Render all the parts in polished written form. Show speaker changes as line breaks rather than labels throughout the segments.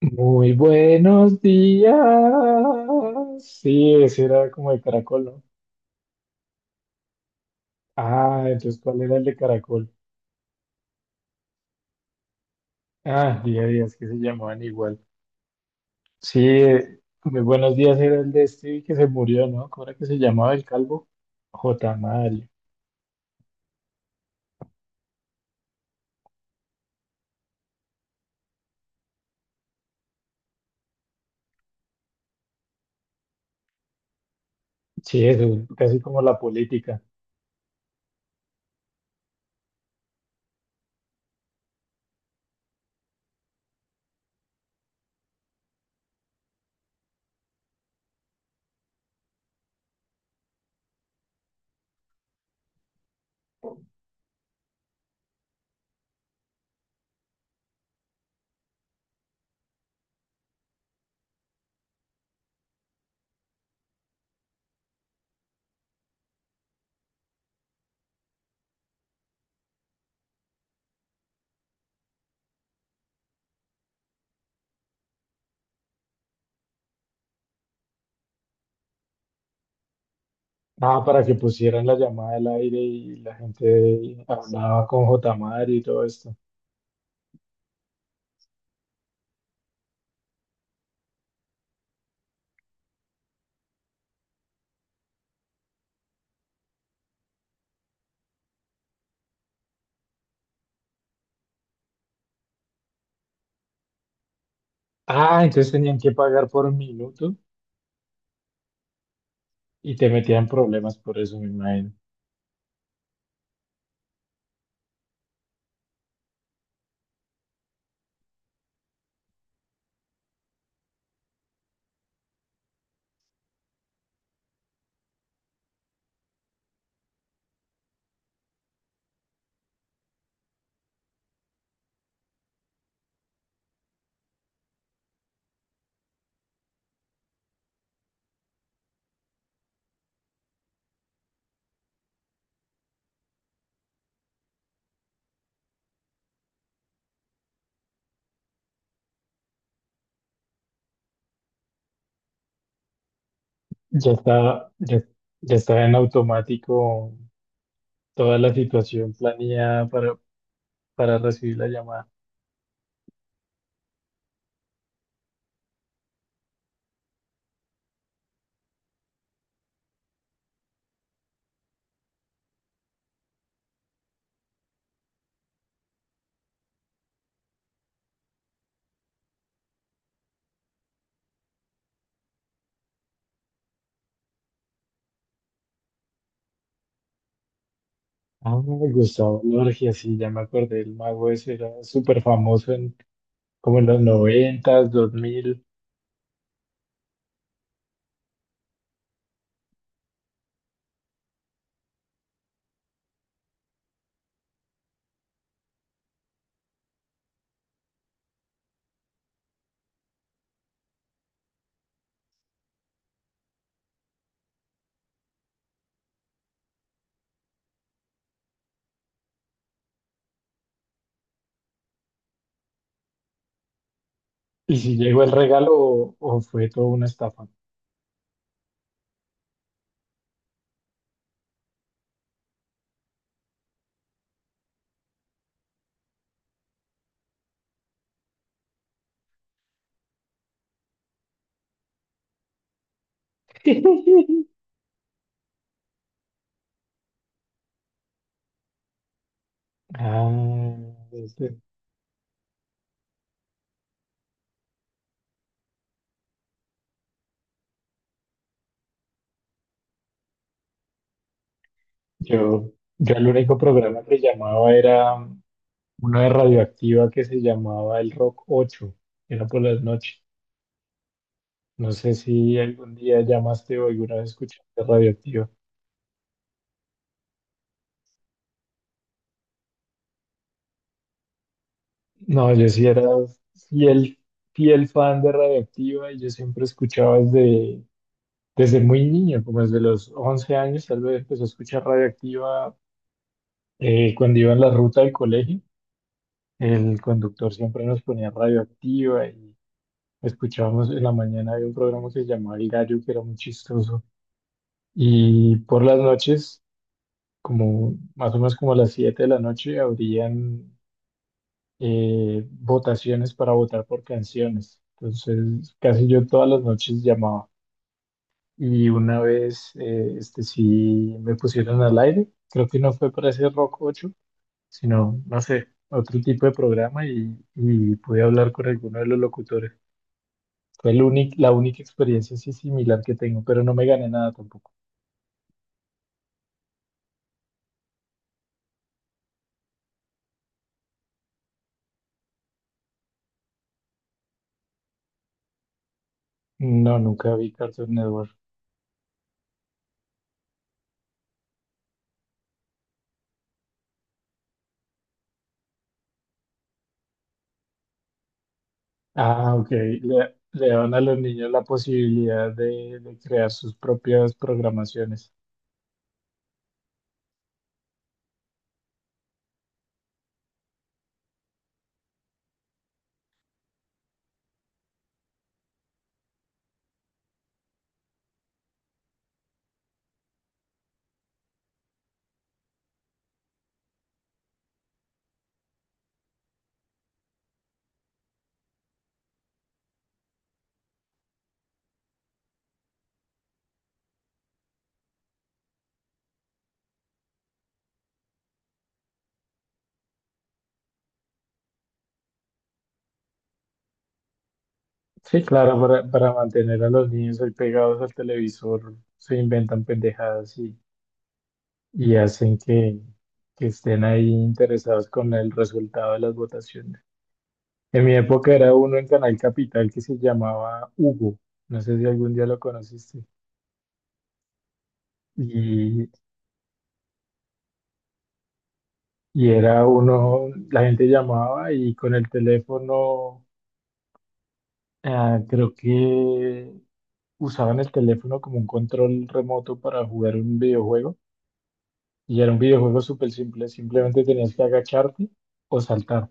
Muy buenos días. Sí, ese era como de caracol, ¿no? Ah, entonces, ¿cuál era el de caracol? Ah, día a día, es que se llamaban igual. Sí, muy buenos días era el de este que se murió, ¿no? ¿Cómo era que se llamaba el calvo? J. Mario. Sí, eso, casi como la política. Ah, para que pusieran la llamada al aire y la gente hablaba con J. Mario y todo esto. Ah, entonces tenían que pagar por minuto y te metían problemas por eso, me imagino. Ya está, ya, ya está en automático toda la situación planeada para recibir la llamada. Ah, Gustavo Lorgia, sí, ya me acordé, el mago ese era súper famoso en como en los noventas, 2000. ¿Y si llegó el regalo o fue toda una estafa? Ah, este, yo, yo el único programa que llamaba era uno de Radioactiva que se llamaba El Rock 8. Era por las noches. No sé si algún día llamaste o alguna vez escuchaste Radioactiva. No, yo sí era fiel, fiel fan de Radioactiva y yo siempre escuchaba desde muy niño, como desde los 11 años. Tal vez empecé a escuchar Radioactiva cuando iba en la ruta del colegio. El conductor siempre nos ponía Radioactiva y escuchábamos en la mañana. Había un programa que se llamaba El Gallo, que era muy chistoso. Y por las noches, como más o menos como a las 7 de la noche, abrían votaciones para votar por canciones. Entonces, casi yo todas las noches llamaba. Y una vez, este sí me pusieron al aire. Creo que no fue para ese Rock 8, sino, no sé, otro tipo de programa, y pude hablar con alguno de los locutores. Fue la única experiencia así similar que tengo, pero no me gané nada tampoco. No, nunca vi Cartoon Network. Ah, ok. Le dan a los niños la posibilidad de crear sus propias programaciones. Sí, claro, para mantener a los niños ahí pegados al televisor, se inventan pendejadas y hacen que estén ahí interesados con el resultado de las votaciones. En mi época era uno en Canal Capital que se llamaba Hugo, no sé si algún día lo conociste, y, y era uno, la gente llamaba y con el teléfono, ah, creo que usaban el teléfono como un control remoto para jugar un videojuego. Y era un videojuego súper simple, simplemente tenías que agacharte o saltar.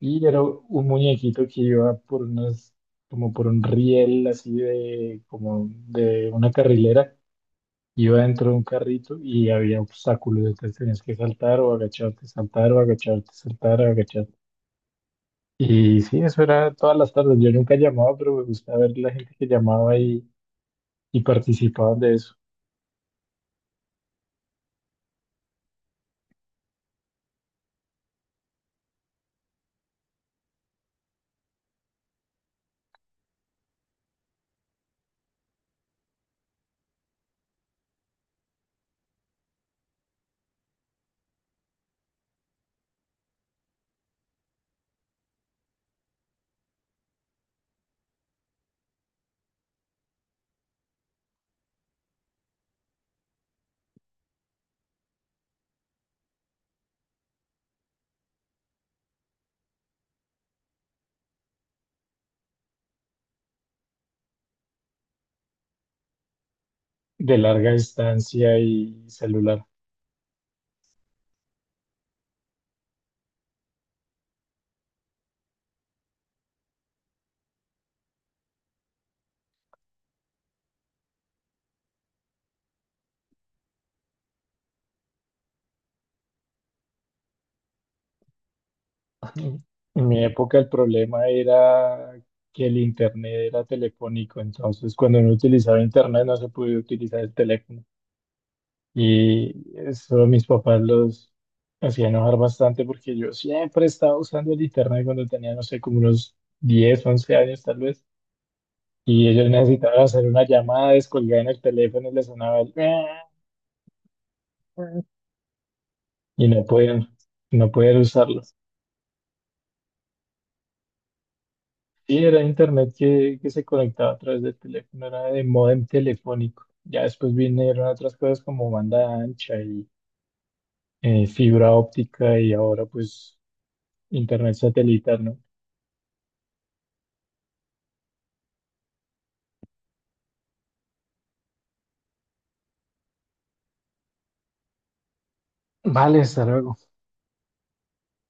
Y era un muñequito que iba por unas, como por un riel así de, como de una carrilera, iba dentro de un carrito y había obstáculos, entonces tenías que saltar o agacharte, saltar o agacharte, saltar o agacharte. Y sí, eso era todas las tardes. Yo nunca llamaba, pero me gustaba ver la gente que llamaba y participaba de eso, de larga distancia y celular. En mi época el problema era que el internet era telefónico, entonces cuando no utilizaba internet no se podía utilizar el teléfono. Y eso mis papás los hacía enojar bastante porque yo siempre estaba usando el internet cuando tenía, no sé, como unos 10 u 11 años tal vez. Y ellos necesitaban hacer una llamada, descolgaban el teléfono y les sonaba el... Y no podían, no podían usarlo. Sí, era internet que se conectaba a través del teléfono, era de módem telefónico. Ya después vinieron otras cosas como banda ancha y fibra óptica y ahora pues internet satelital, ¿no? Vale, hasta luego.